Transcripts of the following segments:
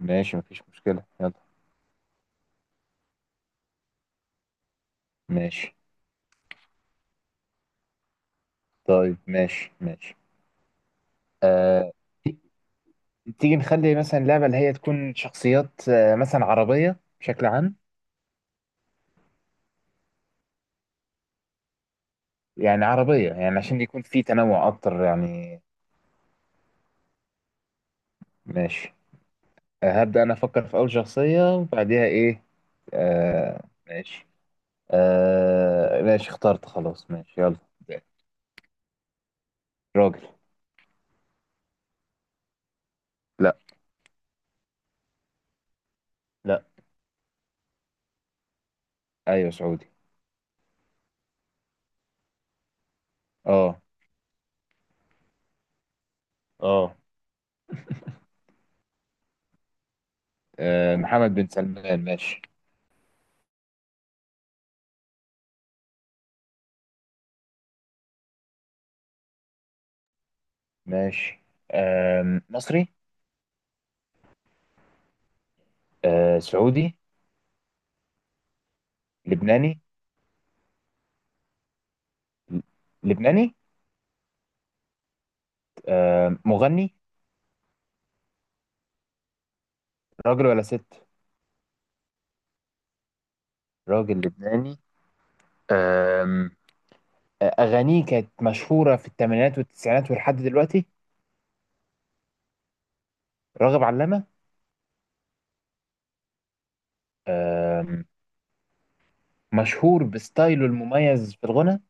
ماشي، مفيش مشكلة، يلا. ماشي. طيب، ماشي، ماشي. آه ت- تيجي نخلي مثلا لعبة اللي هي تكون شخصيات، مثلا عربية بشكل عام. يعني عربية، يعني عشان يكون في تنوع أكتر، يعني. ماشي. هبدأ أنا أفكر في أول شخصية، وبعديها إيه؟ ماشي. ماشي، اخترت، خلاص، ماشي، يلا. راجل. لا. لا. أيوة، سعودي. أه. أه. آه، محمد بن سلمان، ماشي. ماشي. مصري. سعودي. لبناني. ل- لبناني. مغني. راجل ولا ست؟ راجل لبناني. آم، آه، أغانيه كانت مشهورة في الثمانينات والتسعينات ولحد دلوقتي. راغب علامة. آم، مشهور بستايله المميز في الغنى،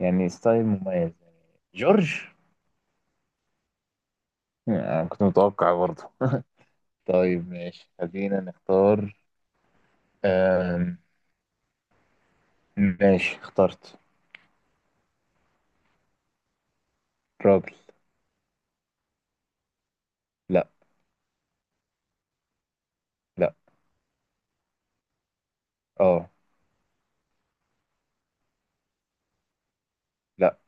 يعني ستايل مميز. جورج. آه، كنت متوقع برضه. طيب، ماشي، خلينا نختار. آم، ماشي، اخترت. راجل. لا. لا. اه. لا.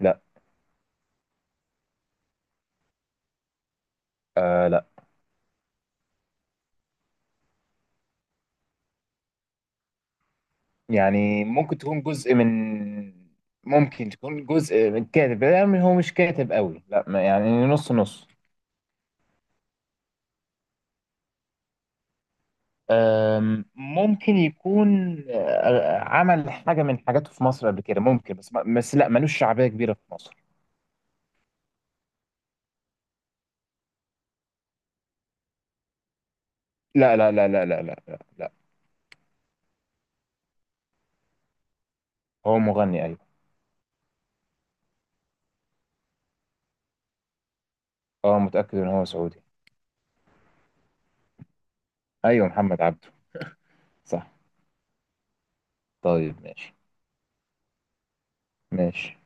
لا. آه، لا. يعني ممكن تكون جزء من كاتب، يعني هو مش كاتب قوي، لا، يعني نص نص. ممكن يكون، عمل حاجة من حاجاته في مصر قبل كده ممكن، بس بس لا، ملوش شعبية كبيرة في مصر. لا، لا، لا، لا، لا، لا، لا, لا. هو مغني، أيوه. أه، متأكد إن هو سعودي. أيوه، محمد عبده. صح. طيب، ماشي. ماشي،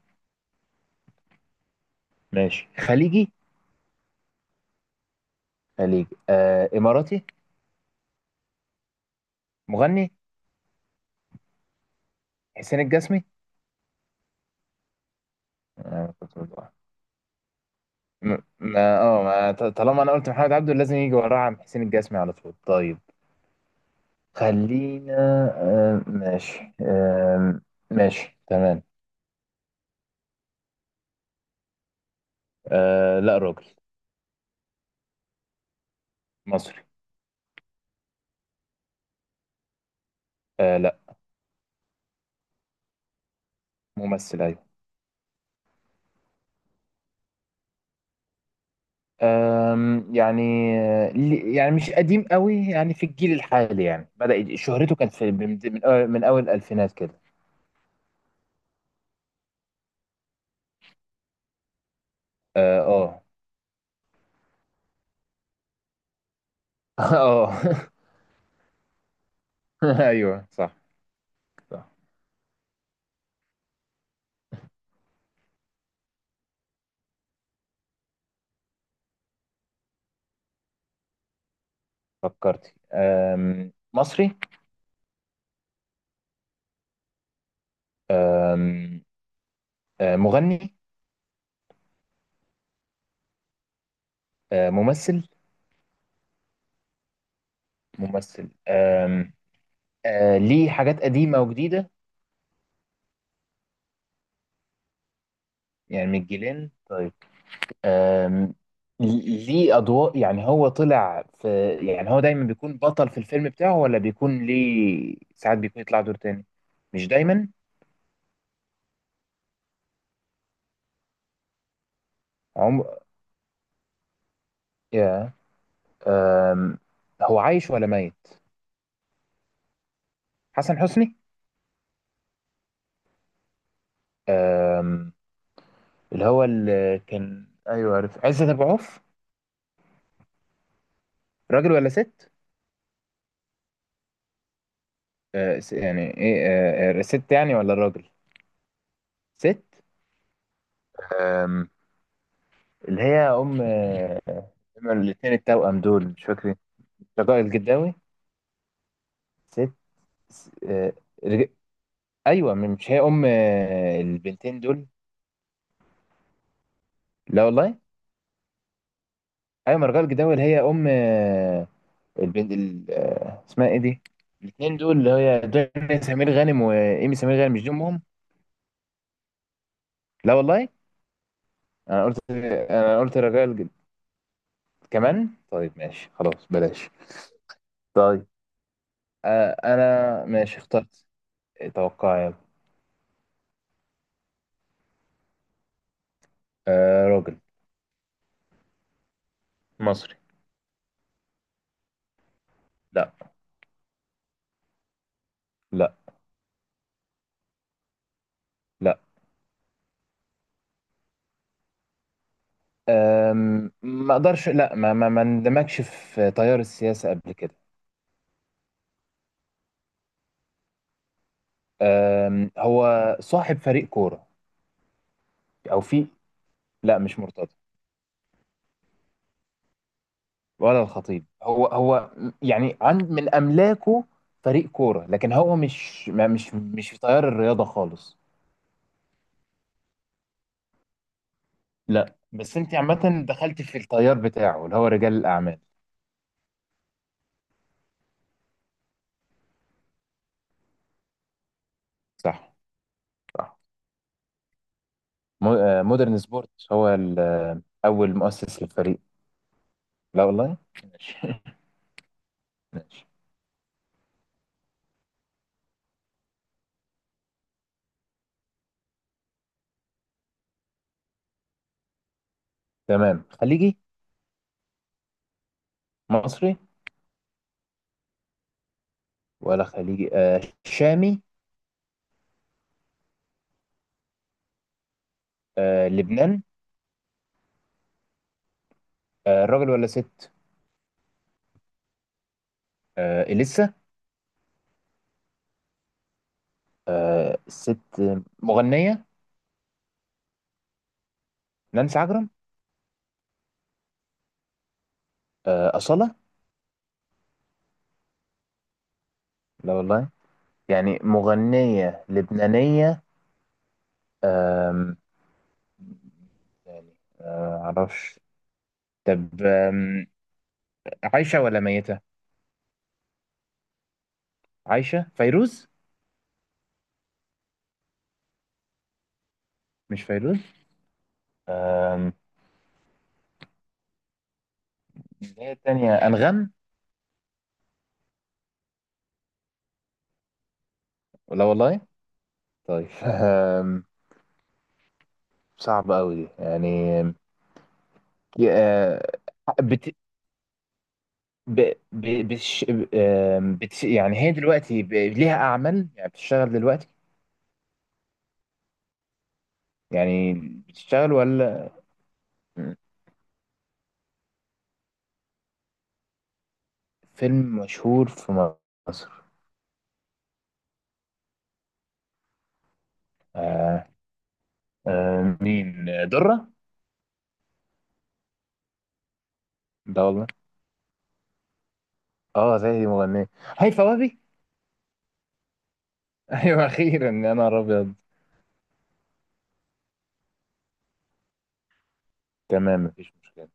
ماشي، خليجي. خليجي، إماراتي. مغني. حسين الجسمي. أنا كنت بقول. م- ما اه ما ط- طالما انا قلت محمد عبده لازم يجي وراه عم حسين الجسمي على طول. طيب، خلينا. ماشي. ماشي، تمام. لا، راجل. مصري. آه لا. ممثل، ايوه. يعني، يعني مش قديم قوي، يعني في الجيل الحالي، يعني بدأ شهرته كانت في من من أول من أول الألفينات كده. اه، اه. آه. ايوه، صح. صح. فكرت. مصري. آم، آه، مغني. آه، ممثل. ممثل. آه، ليه حاجات قديمة وجديدة، يعني من الجيلين. طيب. آم ليه أضواء، يعني هو طلع في يعني هو دايما بيكون بطل في الفيلم بتاعه، ولا بيكون ليه ساعات بيكون يطلع دور تاني؟ مش دايما. عمر. يا. آم هو عايش ولا ميت؟ حسن حسني. آم اللي كان، أيوه، عارف، عزت أبو عوف. راجل ولا ست؟ آه س- يعني إيه آه آه، ست يعني ولا الراجل؟ ست. أم... اللي هي ام هما الاثنين التوأم دول، مش فاكر. رجاء الجداوي. ست. س- آه، رج... ايوه، مش هي ام البنتين دول؟ لا والله. ايوه، ما رجاء الجداوي اللي هي ام، آه، البنت ال... آه، اسمها ايه دي؟ الاثنين دول اللي هي دنيا سمير غانم وايمي سمير غانم، مش دي امهم؟ لا والله. انا قلت انا قلت رجاء كمان. طيب، ماشي، خلاص، بلاش. طيب. آه، انا ماشي، اخترت، توقع، يلا. آه، راجل. مصري. لا. لا. لا. ما اقدرش، لا، ما اندمجش في تيار السياسه قبل كده. هو صاحب فريق كوره، او في. لا، مش مرتضى. ولا الخطيب، هو هو يعني عند من املاكه فريق كوره، لكن هو مش ما مش مش في تيار الرياضه خالص. لا، بس انت عامه دخلت في التيار بتاعه اللي هو رجال الاعمال. صح. صح. آه، مودرن سبورت، هو آه، اول مؤسس للفريق. لا والله. ماشي. ماشي، تمام. خليجي. مصري. ولا خليجي؟ شامي. لبنان. راجل ولا ست؟ إليسا. ست. مغنية. نانسي عجرم. أصالة. لا والله. يعني مغنية لبنانية. آم، يعني، ما أعرفش. طب، عايشة ولا ميتة؟ عايشة. فيروز. مش فيروز. آم، اللي هي التانية أنغام. لا والله. طيب. صعبة أوي دي، يعني. آم، يا- آه، بت- ب... ب... بتش... آم، بتش... يعني هي دلوقتي ليها أعمال، يعني بتشتغل دلوقتي، يعني بتشتغل ولا؟ مم. فيلم مشهور في مصر. آه... مين؟ آه، درة؟ ده والله. اه، زي دي مغنية، هيفاء وهبي. ايوه، اخيرا، يا نهار ابيض. تمام، مفيش مشكلة.